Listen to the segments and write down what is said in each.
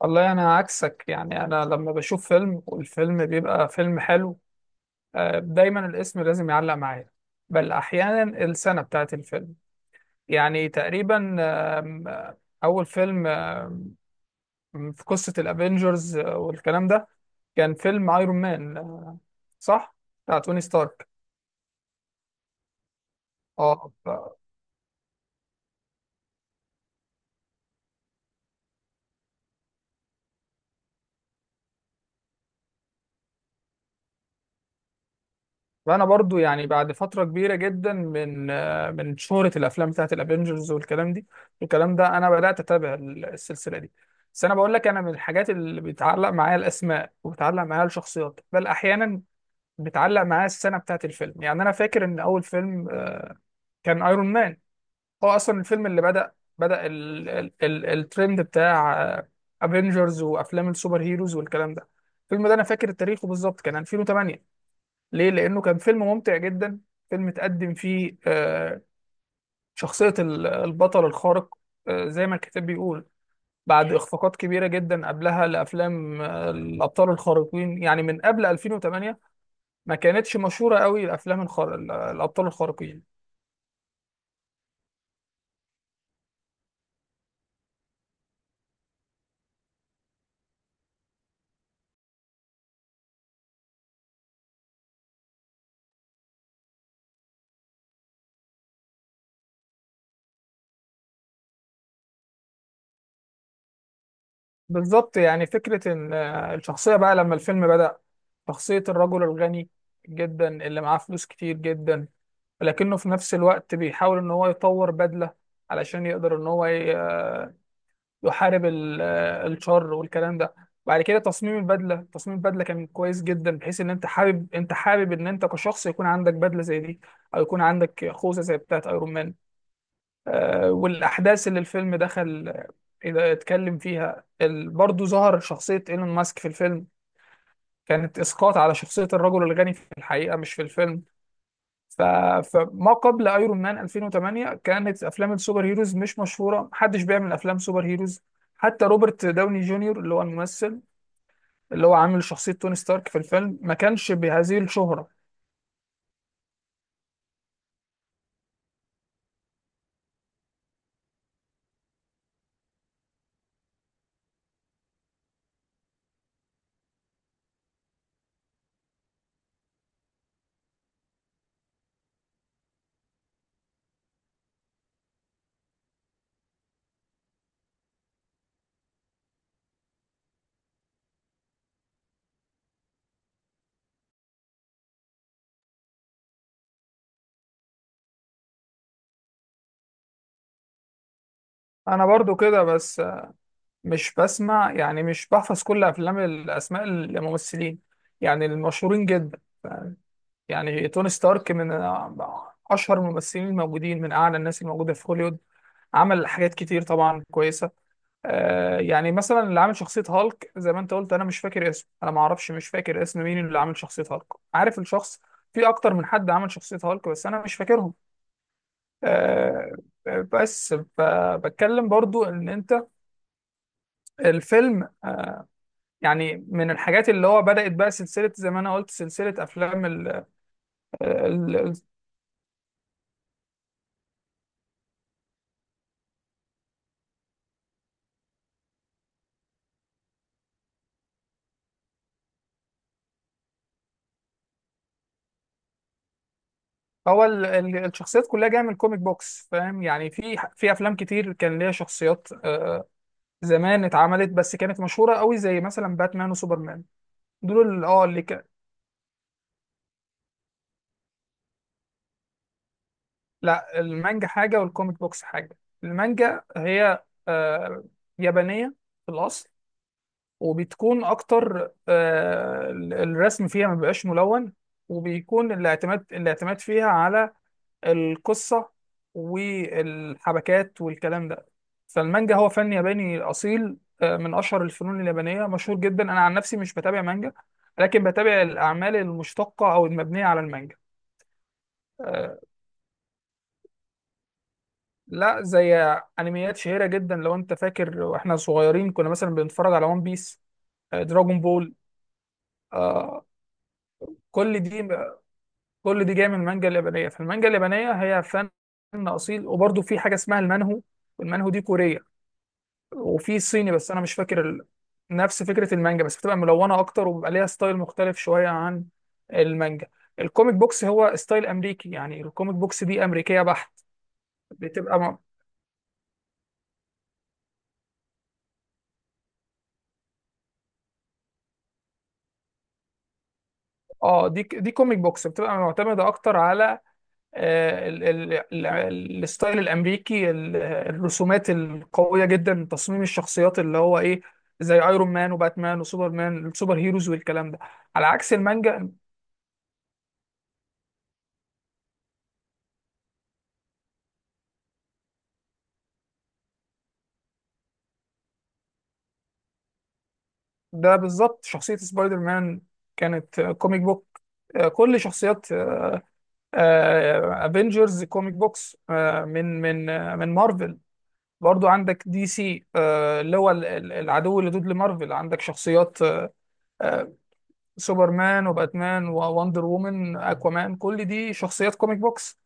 والله انا عكسك. يعني انا لما بشوف فيلم والفيلم بيبقى فيلم حلو، دايما الاسم لازم يعلق معايا، بل احيانا السنة بتاعت الفيلم. يعني تقريبا آم، آه، اول فيلم في قصة الافينجرز والكلام ده، كان فيلم ايرون مان صح، بتاع توني ستارك. اه فانا برضو يعني بعد فتره كبيره جدا من شهره الافلام بتاعت الافينجرز والكلام ده انا بدات اتابع السلسله دي. بس انا بقول لك، انا من الحاجات اللي بيتعلق معايا الاسماء وبتعلق معايا الشخصيات، بل احيانا بتعلق معايا السنه بتاعت الفيلم. يعني انا فاكر ان اول فيلم كان ايرون مان، هو اصلا الفيلم اللي بدا ال ال ال الترند بتاع افينجرز وافلام السوبر هيروز والكلام ده. الفيلم ده انا فاكر تاريخه بالظبط، كان 2008. ليه؟ لأنه كان فيلم ممتع جدا، فيلم تقدم فيه شخصية البطل الخارق، زي ما الكتاب بيقول، بعد إخفاقات كبيرة جدا قبلها لأفلام الأبطال الخارقين. يعني من قبل 2008 ما كانتش مشهورة قوي الأفلام الأبطال الخارقين. بالظبط، يعني فكرة إن الشخصية بقى لما الفيلم بدأ، شخصية الرجل الغني جدا اللي معاه فلوس كتير جدا، لكنه في نفس الوقت بيحاول إن هو يطور بدلة علشان يقدر إن هو يحارب الشر والكلام ده. بعد كده تصميم البدله كان كويس جدا، بحيث ان انت حابب، ان انت كشخص، يكون عندك بدله زي دي او يكون عندك خوذه زي بتاعه ايرون مان. والاحداث اللي الفيلم دخل اذا اتكلم فيها برضه ظهر شخصيه ايلون ماسك في الفيلم، كانت اسقاط على شخصيه الرجل الغني في الحقيقه مش في الفيلم. ف... فما قبل ايرون مان 2008 كانت افلام السوبر هيروز مش مشهوره، محدش بيعمل افلام سوبر هيروز. حتى روبرت داوني جونيور اللي هو الممثل اللي هو عامل شخصيه توني ستارك في الفيلم ما كانش بهذه الشهره. انا برضو كده، بس مش بسمع يعني مش بحفظ كل افلام الاسماء الممثلين، يعني المشهورين جدا. يعني توني ستارك من اشهر الممثلين الموجودين، من اعلى الناس الموجوده في هوليوود، عمل حاجات كتير طبعا كويسه. يعني مثلا اللي عامل شخصية هالك، زي ما انت قلت، انا مش فاكر اسمه، انا ما اعرفش، مش فاكر اسم مين اللي عامل شخصية هالك. عارف الشخص، في اكتر من حد عمل شخصية هالك، بس انا مش فاكرهم. آه بس ف- بتكلم برضو ان انت الفيلم، يعني من الحاجات اللي هو بدأت بقى سلسلة، زي ما انا قلت سلسلة افلام ال ال- هو الشخصيات كلها جاية من الكوميك بوكس. فاهم يعني، في افلام كتير كان ليها شخصيات، زمان اتعملت، بس كانت مشهورة قوي زي مثلا باتمان وسوبرمان. دول اللي اه اللي ك... لا، المانجا حاجة والكوميك بوكس حاجة. المانجا هي يابانية في الأصل، وبتكون أكتر الرسم فيها ما بيبقاش ملون، وبيكون الاعتماد فيها على القصة والحبكات والكلام ده. فالمانجا هو فن ياباني أصيل، من أشهر الفنون اليابانية، مشهور جدا. أنا عن نفسي مش بتابع مانجا، لكن بتابع الأعمال المشتقة أو المبنية على المانجا. آه، لا زي انميات شهيرة جدا لو انت فاكر، واحنا صغيرين كنا مثلا بنتفرج على ون بيس، دراجون بول، آه كل دي كل دي جاية من المانجا اليابانية. فالمانجا اليابانية هي فن أصيل، وبرضه في حاجة اسمها المانهو، والمانهو دي كورية، وفي صيني بس أنا مش فاكر نفس فكرة المانجا، بس بتبقى ملونة أكتر وبيبقى ليها ستايل مختلف شوية عن المانجا. الكوميك بوكس هو ستايل أمريكي، يعني الكوميك بوكس دي أمريكية بحت. بتبقى م... اه دي كوميك بوكس بتبقى معتمدة أكتر على آه، ال- ال- الستايل الامريكي، الرسومات القويه جدا، تصميم الشخصيات اللي هو ايه، زي ايرون مان وباتمان وسوبرمان، السوبر هيروز والكلام ده، على عكس المانجا. ده بالظبط شخصيه سبايدر مان كانت كوميك بوك، كل شخصيات افنجرز كوميك بوكس، من مارفل. برضو عندك دي سي اللي هو العدو اللدود لمارفل. عندك شخصيات آه، سوبرمان وباتمان ووندر وومن اكوامان، كل دي شخصيات كوميك بوكس.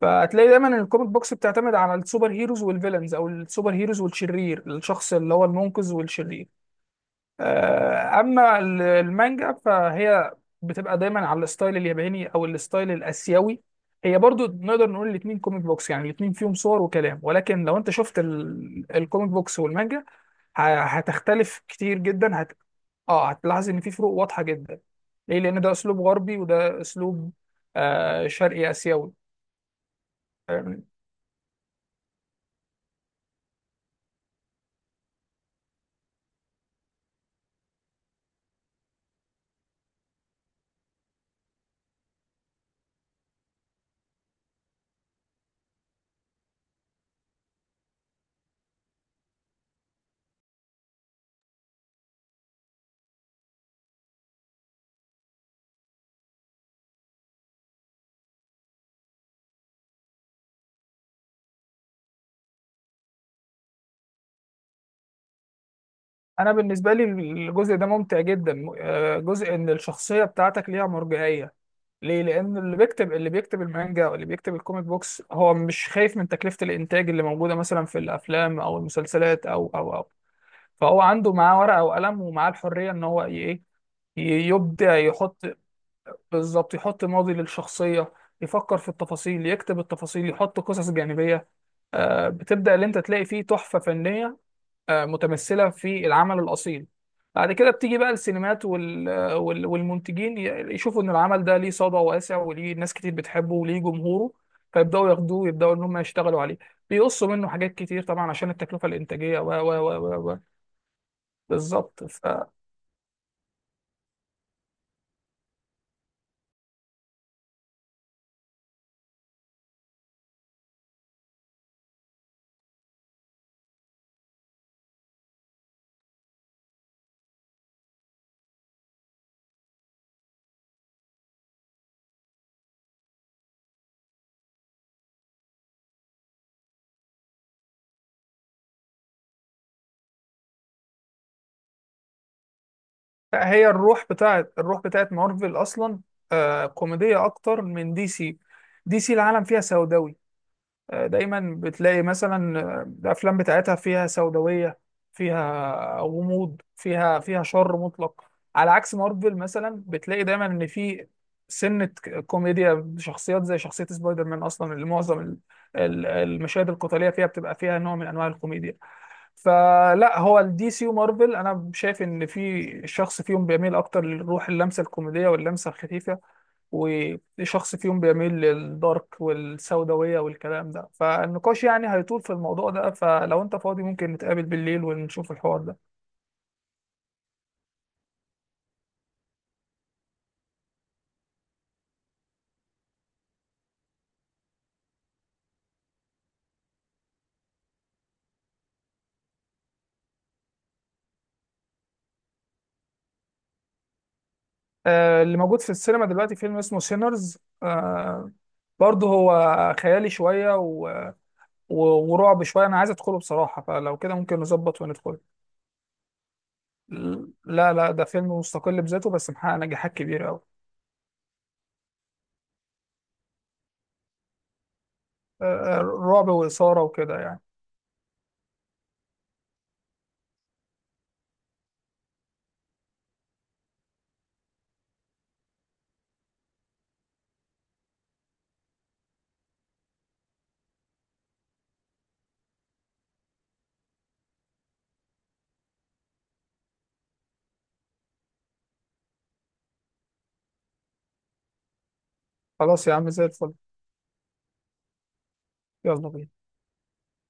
فهتلاقي دايما إن الكوميك بوكس بتعتمد على السوبر هيروز والفيلنز، او السوبر هيروز والشرير، الشخص اللي هو المنقذ والشرير. اما المانجا فهي بتبقى دايما على الستايل الياباني او الستايل الاسيوي. هي برضو نقدر نقول الاتنين كوميك بوكس، يعني الاتنين فيهم صور وكلام، ولكن لو انت شفت الكوميك بوكس والمانجا هتختلف كتير جدا. اه، هتلاحظ ان في فروق واضحه جدا، ليه؟ لان ده اسلوب غربي وده اسلوب شرقي اسيوي. فاهمني؟ انا بالنسبه لي الجزء ده ممتع جدا، جزء ان الشخصيه بتاعتك ليها مرجعيه، ليه؟ لان اللي بيكتب المانجا واللي بيكتب الكوميك بوكس، هو مش خايف من تكلفه الانتاج اللي موجوده مثلا في الافلام او المسلسلات او فهو عنده، معاه ورقه وقلم، ومعاه الحريه ان هو ي- يبدع، يحط، بالظبط يحط ماضي للشخصية، يفكر في التفاصيل، يكتب التفاصيل، يحط قصص جانبية، بتبدأ اللي انت تلاقي فيه تحفة فنية متمثلة في العمل الأصيل. بعد كده بتيجي بقى السينمات والمنتجين يشوفوا ان العمل ده ليه صدى واسع وليه ناس كتير بتحبه وليه جمهوره، فيبدأوا ياخدوه، يبدأوا ان هم يشتغلوا عليه، بيقصوا منه حاجات كتير طبعا عشان التكلفة الإنتاجية بالظبط. لا، هي الروح بتاعت مارفل اصلا كوميديه اكتر من دي سي. دي سي العالم فيها سوداوي، دايما بتلاقي مثلا الافلام بتاعتها فيها سوداويه، فيها غموض، فيها شر مطلق، على عكس مارفل مثلا بتلاقي دايما ان في سنه كوميديا، شخصيات زي شخصيه سبايدر مان اصلا اللي معظم المشاهد القتاليه فيها بتبقى فيها نوع من انواع الكوميديا. فلا، هو الدي سي ومارفل انا شايف ان في شخص فيهم بيميل اكتر للروح، اللمسه الكوميديه واللمسه الخفيفه، وشخص فيهم بيميل للدارك والسوداويه والكلام ده، فالنقاش يعني هيطول في الموضوع ده، فلو انت فاضي ممكن نتقابل بالليل ونشوف الحوار ده. اللي موجود في السينما دلوقتي فيلم اسمه سينرز، آه برضه هو خيالي شويه و... ورعب شويه، انا عايز ادخله بصراحه، فلو كده ممكن نظبط وندخله. لا لا، ده فيلم مستقل بذاته، بس محقق نجاحات كبيرة أوي. آه، رعب وإثارة وكده يعني. خلاص يا عم، زي الفل. يلا بينا.